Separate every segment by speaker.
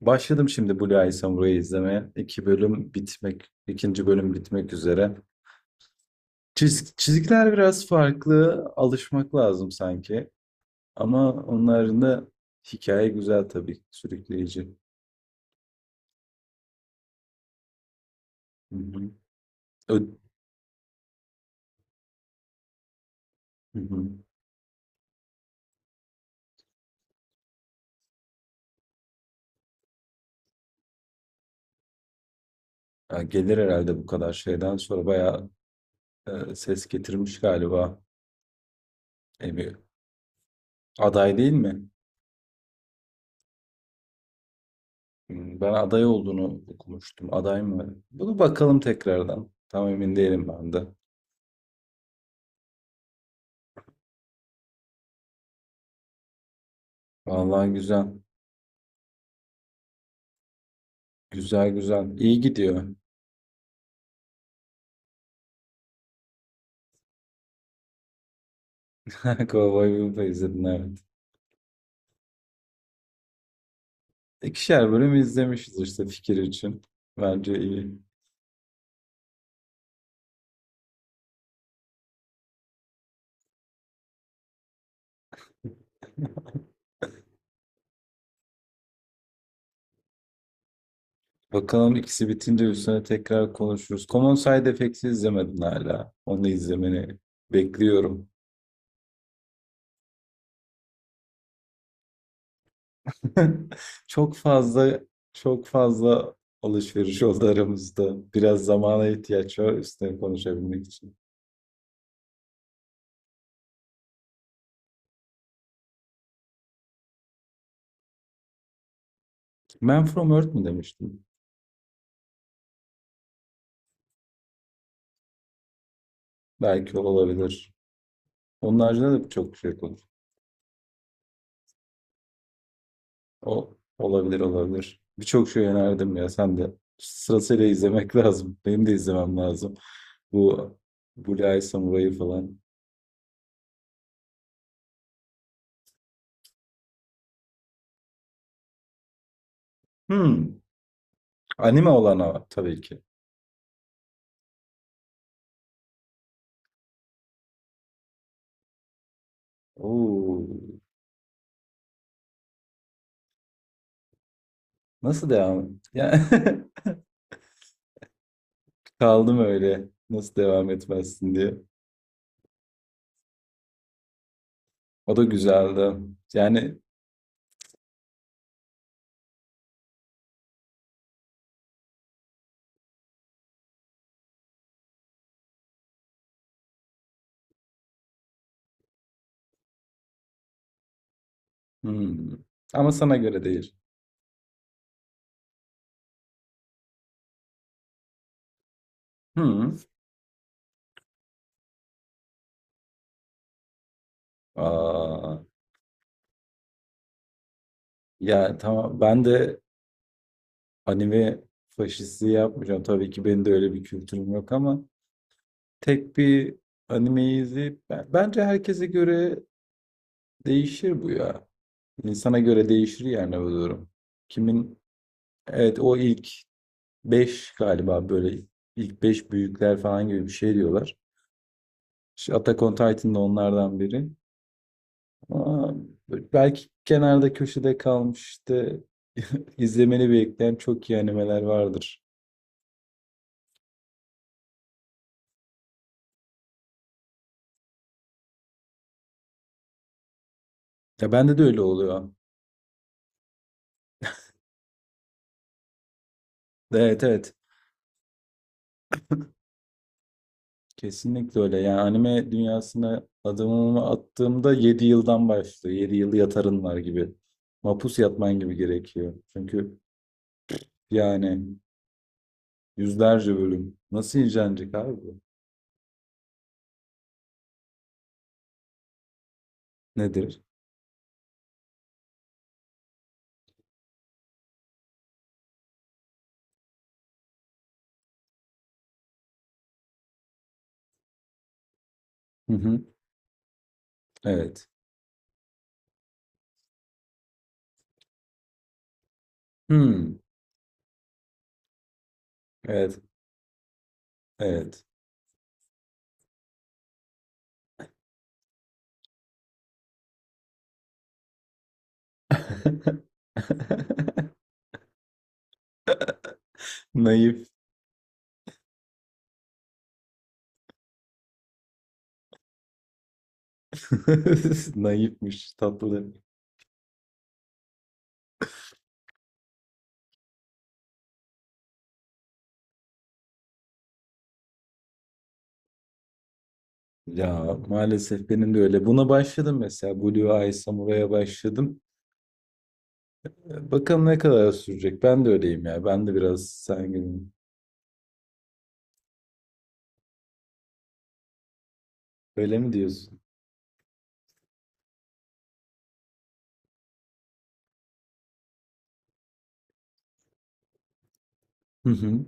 Speaker 1: Başladım şimdi Blue Eye Samurai'yi izlemeye. İki bölüm bitmek, ikinci bölüm bitmek üzere. Çizikler biraz farklı, alışmak lazım sanki. Ama onların da hikaye güzel tabii, sürükleyici. Hı hı. Ö- Hı hı. Ya gelir herhalde bu kadar şeyden sonra bayağı ses getirmiş galiba. Bir aday değil mi? Ben aday olduğunu okumuştum. Aday mı? Bunu bakalım tekrardan. Tam emin değilim ben de. Vallahi güzel. Güzel güzel. İyi gidiyor. Cowboy Bebop'u izledin, evet. İkişer bölüm izlemişiz işte fikir için. Bence iyi. Bakalım ikisi bitince üstüne tekrar konuşuruz. Common Side Effects'i izlemedin hala. Onu izlemeni bekliyorum. Çok fazla çok fazla alışveriş oldu aramızda. Biraz zamana ihtiyaç var üstüne konuşabilmek için. Man From Earth mi demiştim? Belki olabilir. Onun haricinde de çok şey konuştuk. O olabilir olabilir. Birçok şey önerdim ya sen de. Sırasıyla izlemek lazım. Benim de izlemem lazım. Bu Blue Eye Samurai'ı falan. Hmm. Anime olana tabii ki. Oo. Nasıl devam? Yani, kaldım öyle. Nasıl devam etmezsin diye. O da güzeldi. Yani hmm. Ama sana göre değil. Hmm. Aa. Ya tamam, ben de anime faşisti yapmayacağım. Tabii ki benim de öyle bir kültürüm yok ama tek bir animeyi izleyip bence herkese göre değişir bu ya. İnsana göre değişir yani bu durum. Kimin evet o ilk 5 galiba böyle ilk 5 büyükler falan gibi bir şey diyorlar. İşte Attack on Titan da onlardan biri. Ama belki kenarda köşede kalmış işte izlemeni bekleyen çok iyi animeler vardır. Ya bende de öyle oluyor. Evet evet, kesinlikle öyle. Yani anime dünyasına adımımı attığımda 7 yıldan başlıyor. 7 yıl yatarın var gibi. Mapus yatman gibi gerekiyor. Çünkü yani yüzlerce bölüm. Nasıl incelenecek abi bu? Nedir? Hı hı. Evet. Hmm. Evet. Evet. Naif. Naifmiş, tatlı. Ya maalesef benim de öyle. Buna başladım mesela. Blue Eye Samurai'a başladım. Bakalım ne kadar sürecek. Ben de öyleyim ya. Ben de biraz sen gibi. Öyle mi diyorsun? Hı hı.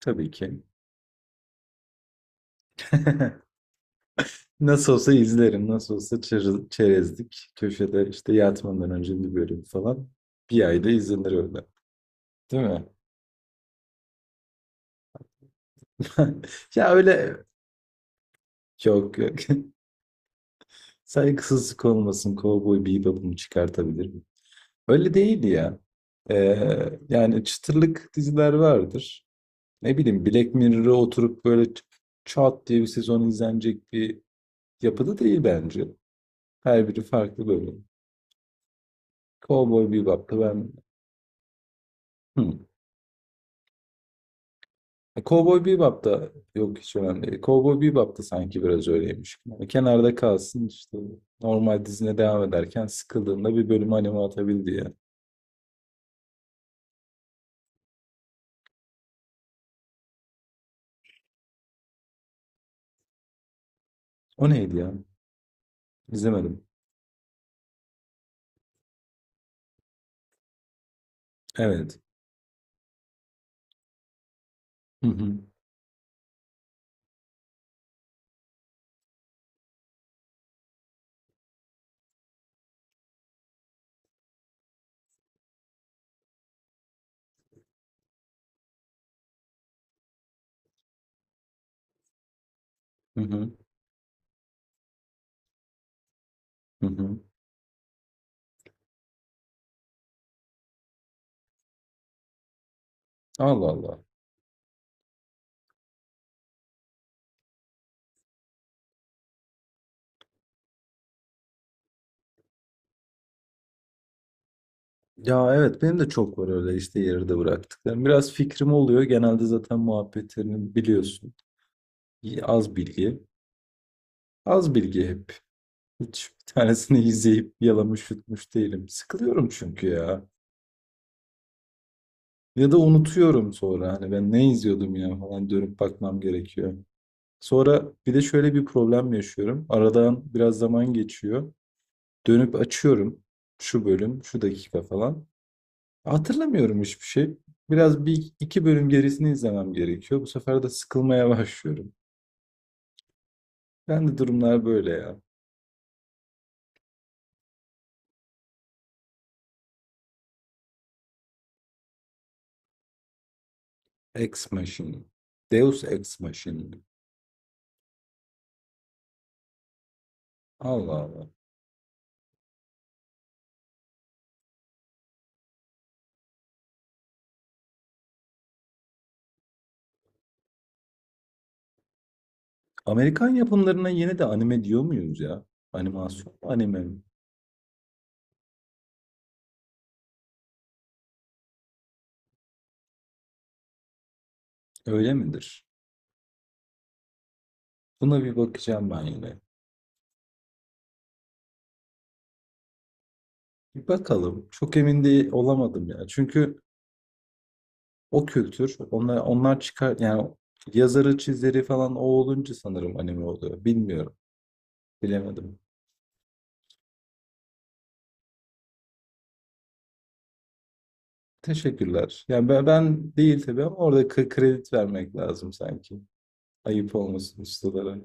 Speaker 1: Tabii ki. Nasıl olsa izlerim. Nasıl olsa çerezlik. Köşede işte yatmadan önce bir bölüm falan. Bir ayda izlenir öyle. Değil mi? Ya öyle, yok yok. Saygısızlık olmasın. Cowboy Bebop'umu çıkartabilirim. Öyle değil ya. Yani çıtırlık diziler vardır. Ne bileyim, Black Mirror'a oturup böyle çat diye bir sezon izlenecek bir yapıda değil bence. Her biri farklı bölüm. Cowboy Bebop'ta ben hı. E, Cowboy Bebop'ta yok, hiç önemli değil. Cowboy Bebop'ta sanki biraz öyleymiş. Yani kenarda kalsın işte normal dizine devam ederken sıkıldığında bir bölüm anime atabildi ya. O neydi ya? İzlemedim. Evet. Hı hı. Hı hı. Hı hı. Allah Allah. Ya evet, benim de çok var öyle işte yarıda bıraktıklarım. Biraz fikrim oluyor. Genelde zaten muhabbetlerini biliyorsun. İyi, az bilgi. Az bilgi hep. Hiç bir tanesini izleyip yalamış yutmuş değilim. Sıkılıyorum çünkü ya. Ya da unutuyorum sonra. Hani ben ne izliyordum ya falan, dönüp bakmam gerekiyor. Sonra bir de şöyle bir problem yaşıyorum. Aradan biraz zaman geçiyor. Dönüp açıyorum. Şu bölüm, şu dakika falan. Hatırlamıyorum hiçbir şey. Biraz bir iki bölüm gerisini izlemem gerekiyor. Bu sefer de sıkılmaya başlıyorum. Ben de durumlar böyle ya. Ex Machina. Deus Ex Machina. Allah Allah. Amerikan yapımlarına yine de anime diyor muyuz ya? Animasyon mu, anime mi? Öyle midir? Buna bir bakacağım ben yine. Bir bakalım. Çok emin değil olamadım ya. Çünkü o kültür, onlar çıkar yani, yazarı, çizeri falan o olunca sanırım anime oluyor. Bilmiyorum. Bilemedim. Teşekkürler. Yani ben, ben değil tabii ama orada kredi vermek lazım sanki. Ayıp olmasın ustalara.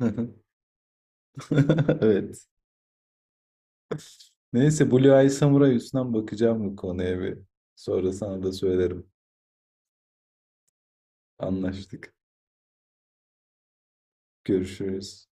Speaker 1: Evet. Neyse, Blue Eye Samurai üstünden bakacağım bu konuya bir. Sonra sana da söylerim. Anlaştık. Görüşürüz.